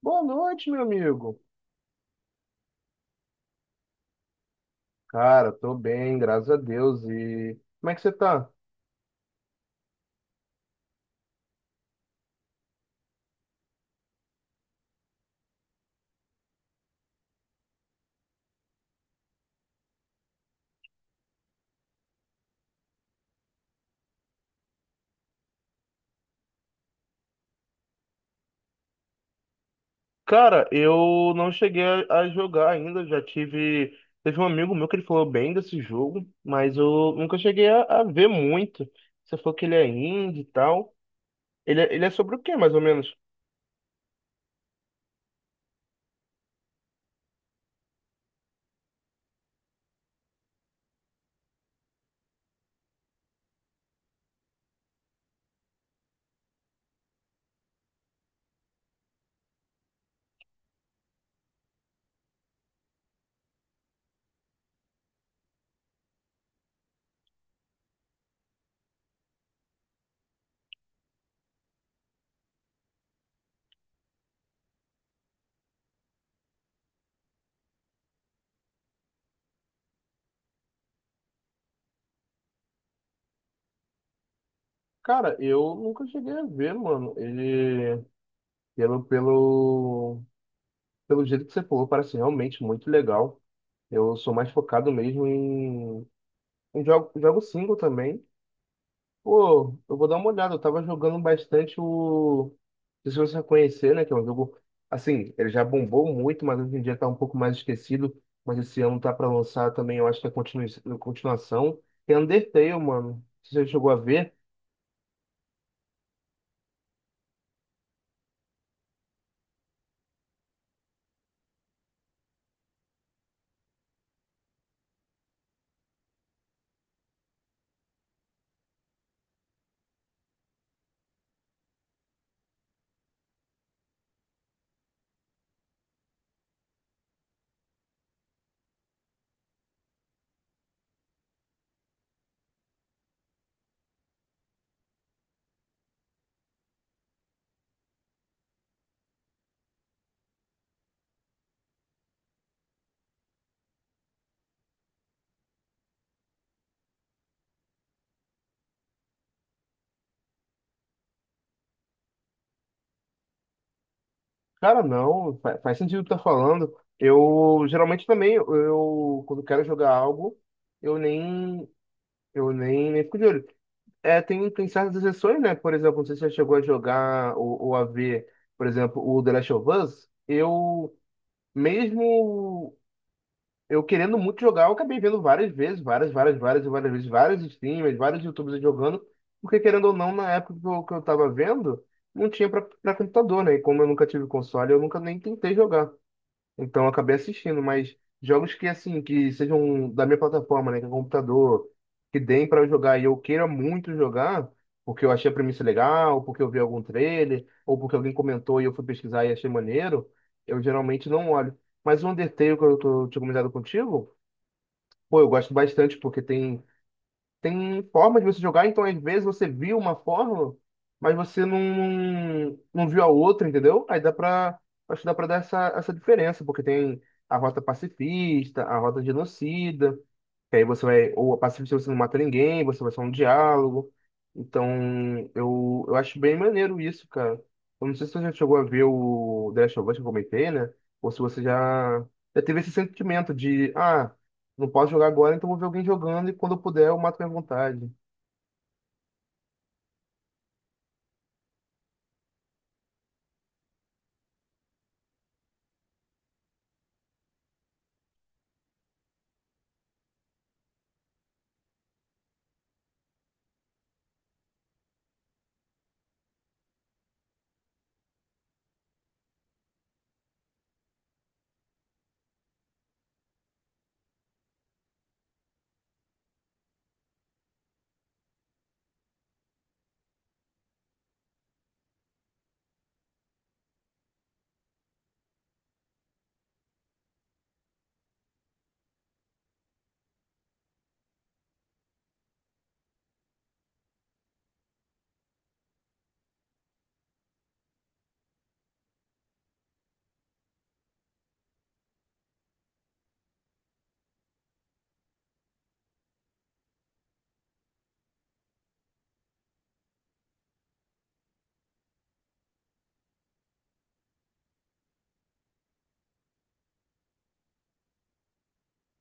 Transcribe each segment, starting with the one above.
Boa noite, meu amigo. Cara, tô bem, graças a Deus. E como é que você tá? Cara, eu não cheguei a jogar ainda. Já tive. Teve um amigo meu que ele falou bem desse jogo, mas eu nunca cheguei a ver muito. Você falou que ele é indie e tal. Ele é sobre o quê, mais ou menos? Cara, eu nunca cheguei a ver, mano. Ele, pelo, pelo, pelo jeito que você falou, parece realmente muito legal. Eu sou mais focado mesmo em jogo, jogo single também. Pô, eu vou dar uma olhada. Eu tava jogando bastante o. Não sei se você conhecer, né? Que é um jogo. Assim, ele já bombou muito, mas hoje em dia tá um pouco mais esquecido. Mas esse ano tá pra lançar também, eu acho que é continuação. É Undertale, mano. Você já chegou a ver? Cara, não. Faz sentido o que tá falando. Eu geralmente também, eu quando quero jogar algo, eu nem. Eu nem fico de olho. É, tem certas exceções, né? Por exemplo, não sei se você chegou a jogar ou a ver, por exemplo, o The Last of Us. Eu, mesmo eu querendo muito jogar, eu acabei vendo várias vezes, várias, várias, várias, e várias vezes, vários streamers, vários YouTubers jogando, porque querendo ou não, na época que eu tava vendo, não tinha pra computador, né? E como eu nunca tive console, eu nunca nem tentei jogar. Então eu acabei assistindo, mas jogos que assim, que sejam da minha plataforma, né, que é computador, que deem para eu jogar e eu queira muito jogar, porque eu achei a premissa legal, porque eu vi algum trailer, ou porque alguém comentou e eu fui pesquisar e achei maneiro, eu geralmente não olho. Mas o Undertale que eu tinha comentado contigo, pô, eu gosto bastante porque tem formas de você jogar, então às vezes você viu uma fórmula, mas você não, não viu a outra, entendeu? Aí acho que dá pra dar essa diferença, porque tem a rota pacifista, a rota genocida, que aí você vai, ou a pacifista você não mata ninguém, você vai só um diálogo. Então, eu acho bem maneiro isso, cara. Eu não sei se você já chegou a ver o The Last of Us que eu comentei, né? Ou se você já teve esse sentimento de, ah, não posso jogar agora, então vou ver alguém jogando e quando eu puder eu mato minha vontade.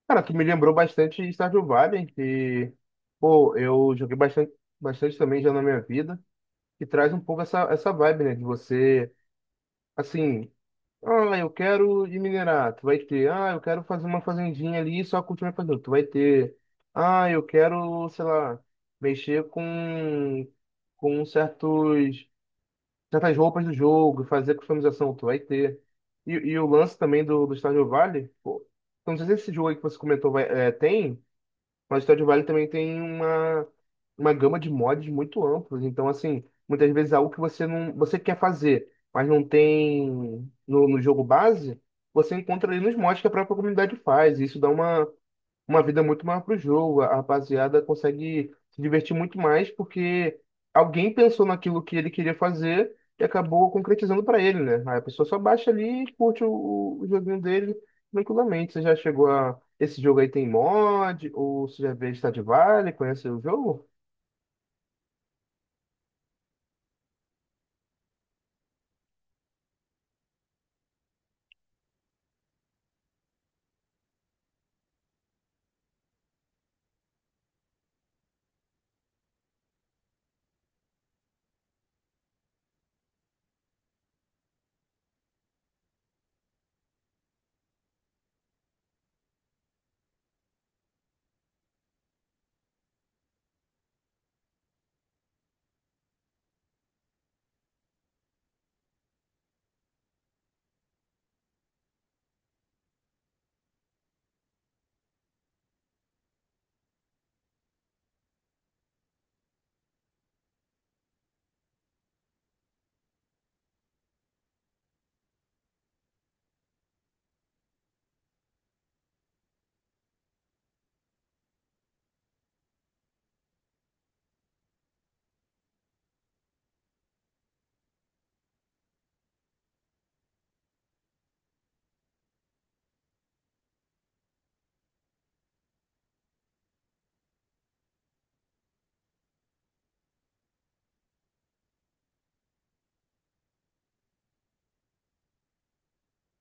Cara, tu me lembrou bastante Stardew Valley, que, pô, eu joguei bastante, bastante também já na minha vida, que traz um pouco essa vibe, né? De você. Assim, ah, eu quero de minerar, tu vai ter. Ah, eu quero fazer uma fazendinha ali e só cultivar e fazer, tu vai ter. Ah, eu quero, sei lá, mexer com certos, certas roupas do jogo, fazer customização, tu vai ter. E o lance também do Stardew Valley, pô, eu não sei se esse jogo aí que você comentou vai, é, tem, mas o Stardew Valley também tem uma gama de mods muito amplos. Então, assim, muitas vezes é algo que você quer fazer, mas não tem no, no jogo base, você encontra ali nos mods que a própria comunidade faz. E isso dá uma vida muito maior para o jogo. A rapaziada consegue se divertir muito mais porque alguém pensou naquilo que ele queria fazer e acabou concretizando para ele, né? Aí a pessoa só baixa ali e curte o joguinho dele tranquilamente. Você já chegou a. Esse jogo aí tem mod? Ou você já veio de Stardew Valley? Conhece o jogo?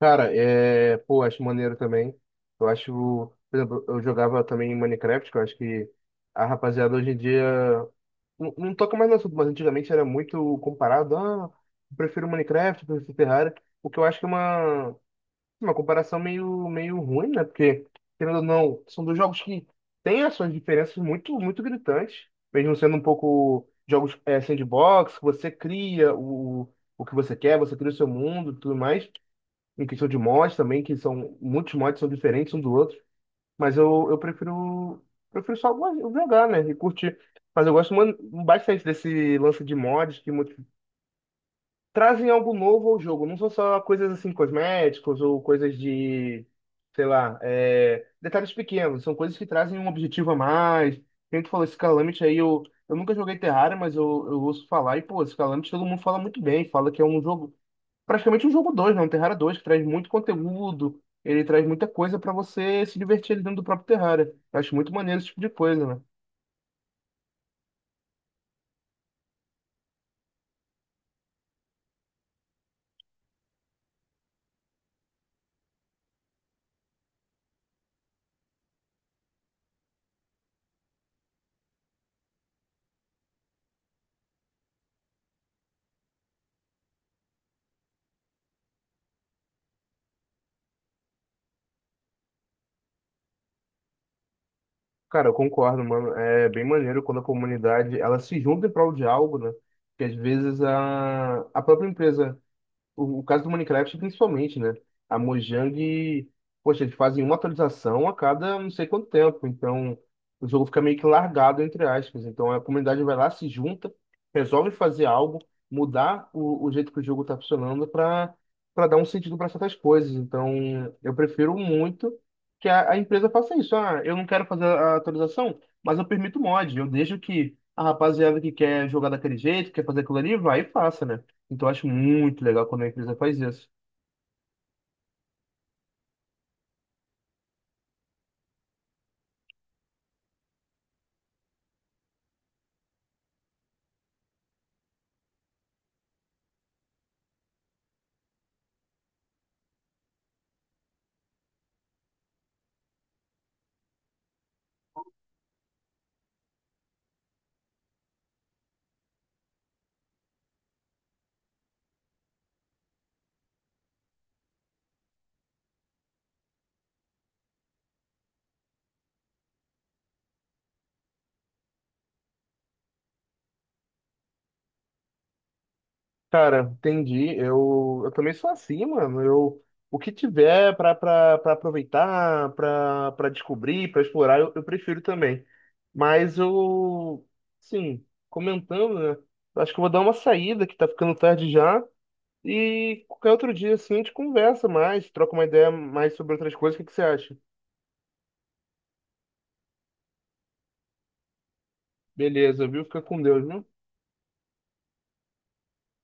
Cara, é. Pô, acho maneiro também. Eu acho. Por exemplo, eu jogava também Minecraft, que eu acho que a rapaziada hoje em dia não, não toca mais no assunto, mas antigamente era muito comparado. Ah, eu prefiro Minecraft, eu prefiro Ferrari. O que eu acho que é uma comparação meio ruim, né? Porque, querendo ou não, são dois jogos que têm as suas diferenças muito gritantes. Mesmo sendo um pouco jogos é, sandbox, você cria o que você quer, você cria o seu mundo e tudo mais. Em questão de mods também, que são muitos mods são diferentes um do outro. Mas eu prefiro, prefiro só jogar, né? E curtir. Mas eu gosto bastante desse lance de mods que trazem algo novo ao jogo. Não são só coisas assim cosméticos ou coisas de, sei lá, é, detalhes pequenos. São coisas que trazem um objetivo a mais. Quem tu falou esse Calamity aí, eu nunca joguei Terraria, mas eu ouço falar. E, pô, esse Calamity todo mundo fala muito bem. Fala que é um jogo praticamente um jogo dois, né? Um Terraria 2 que traz muito conteúdo, ele traz muita coisa pra você se divertir ali dentro do próprio Terraria. Eu acho muito maneiro esse tipo de coisa, né? Cara, eu concordo, mano. É bem maneiro quando a comunidade ela se junta em prol de algo, né? Que às vezes a própria empresa o caso do Minecraft, principalmente, né? A Mojang, poxa, eles fazem uma atualização a cada não sei quanto tempo. Então, o jogo fica meio que largado, entre aspas. Então, a comunidade vai lá, se junta, resolve fazer algo, mudar o jeito que o jogo está funcionando para para dar um sentido para certas coisas. Então, eu prefiro muito que a empresa faça isso. Ah, eu não quero fazer a atualização, mas eu permito mod. Eu deixo que a rapaziada que quer jogar daquele jeito, quer fazer aquilo ali, vai e faça, né? Então eu acho muito legal quando a empresa faz isso. Cara, entendi. Eu também sou assim, mano. Eu, o que tiver pra pra aproveitar, pra pra descobrir, pra explorar, eu prefiro também. Mas eu, sim, comentando, né? eu Acho que eu vou dar uma saída, que tá ficando tarde já. E qualquer outro dia, assim, a gente conversa mais, troca uma ideia mais sobre outras coisas. O que que você acha? Beleza, viu? Fica com Deus, viu?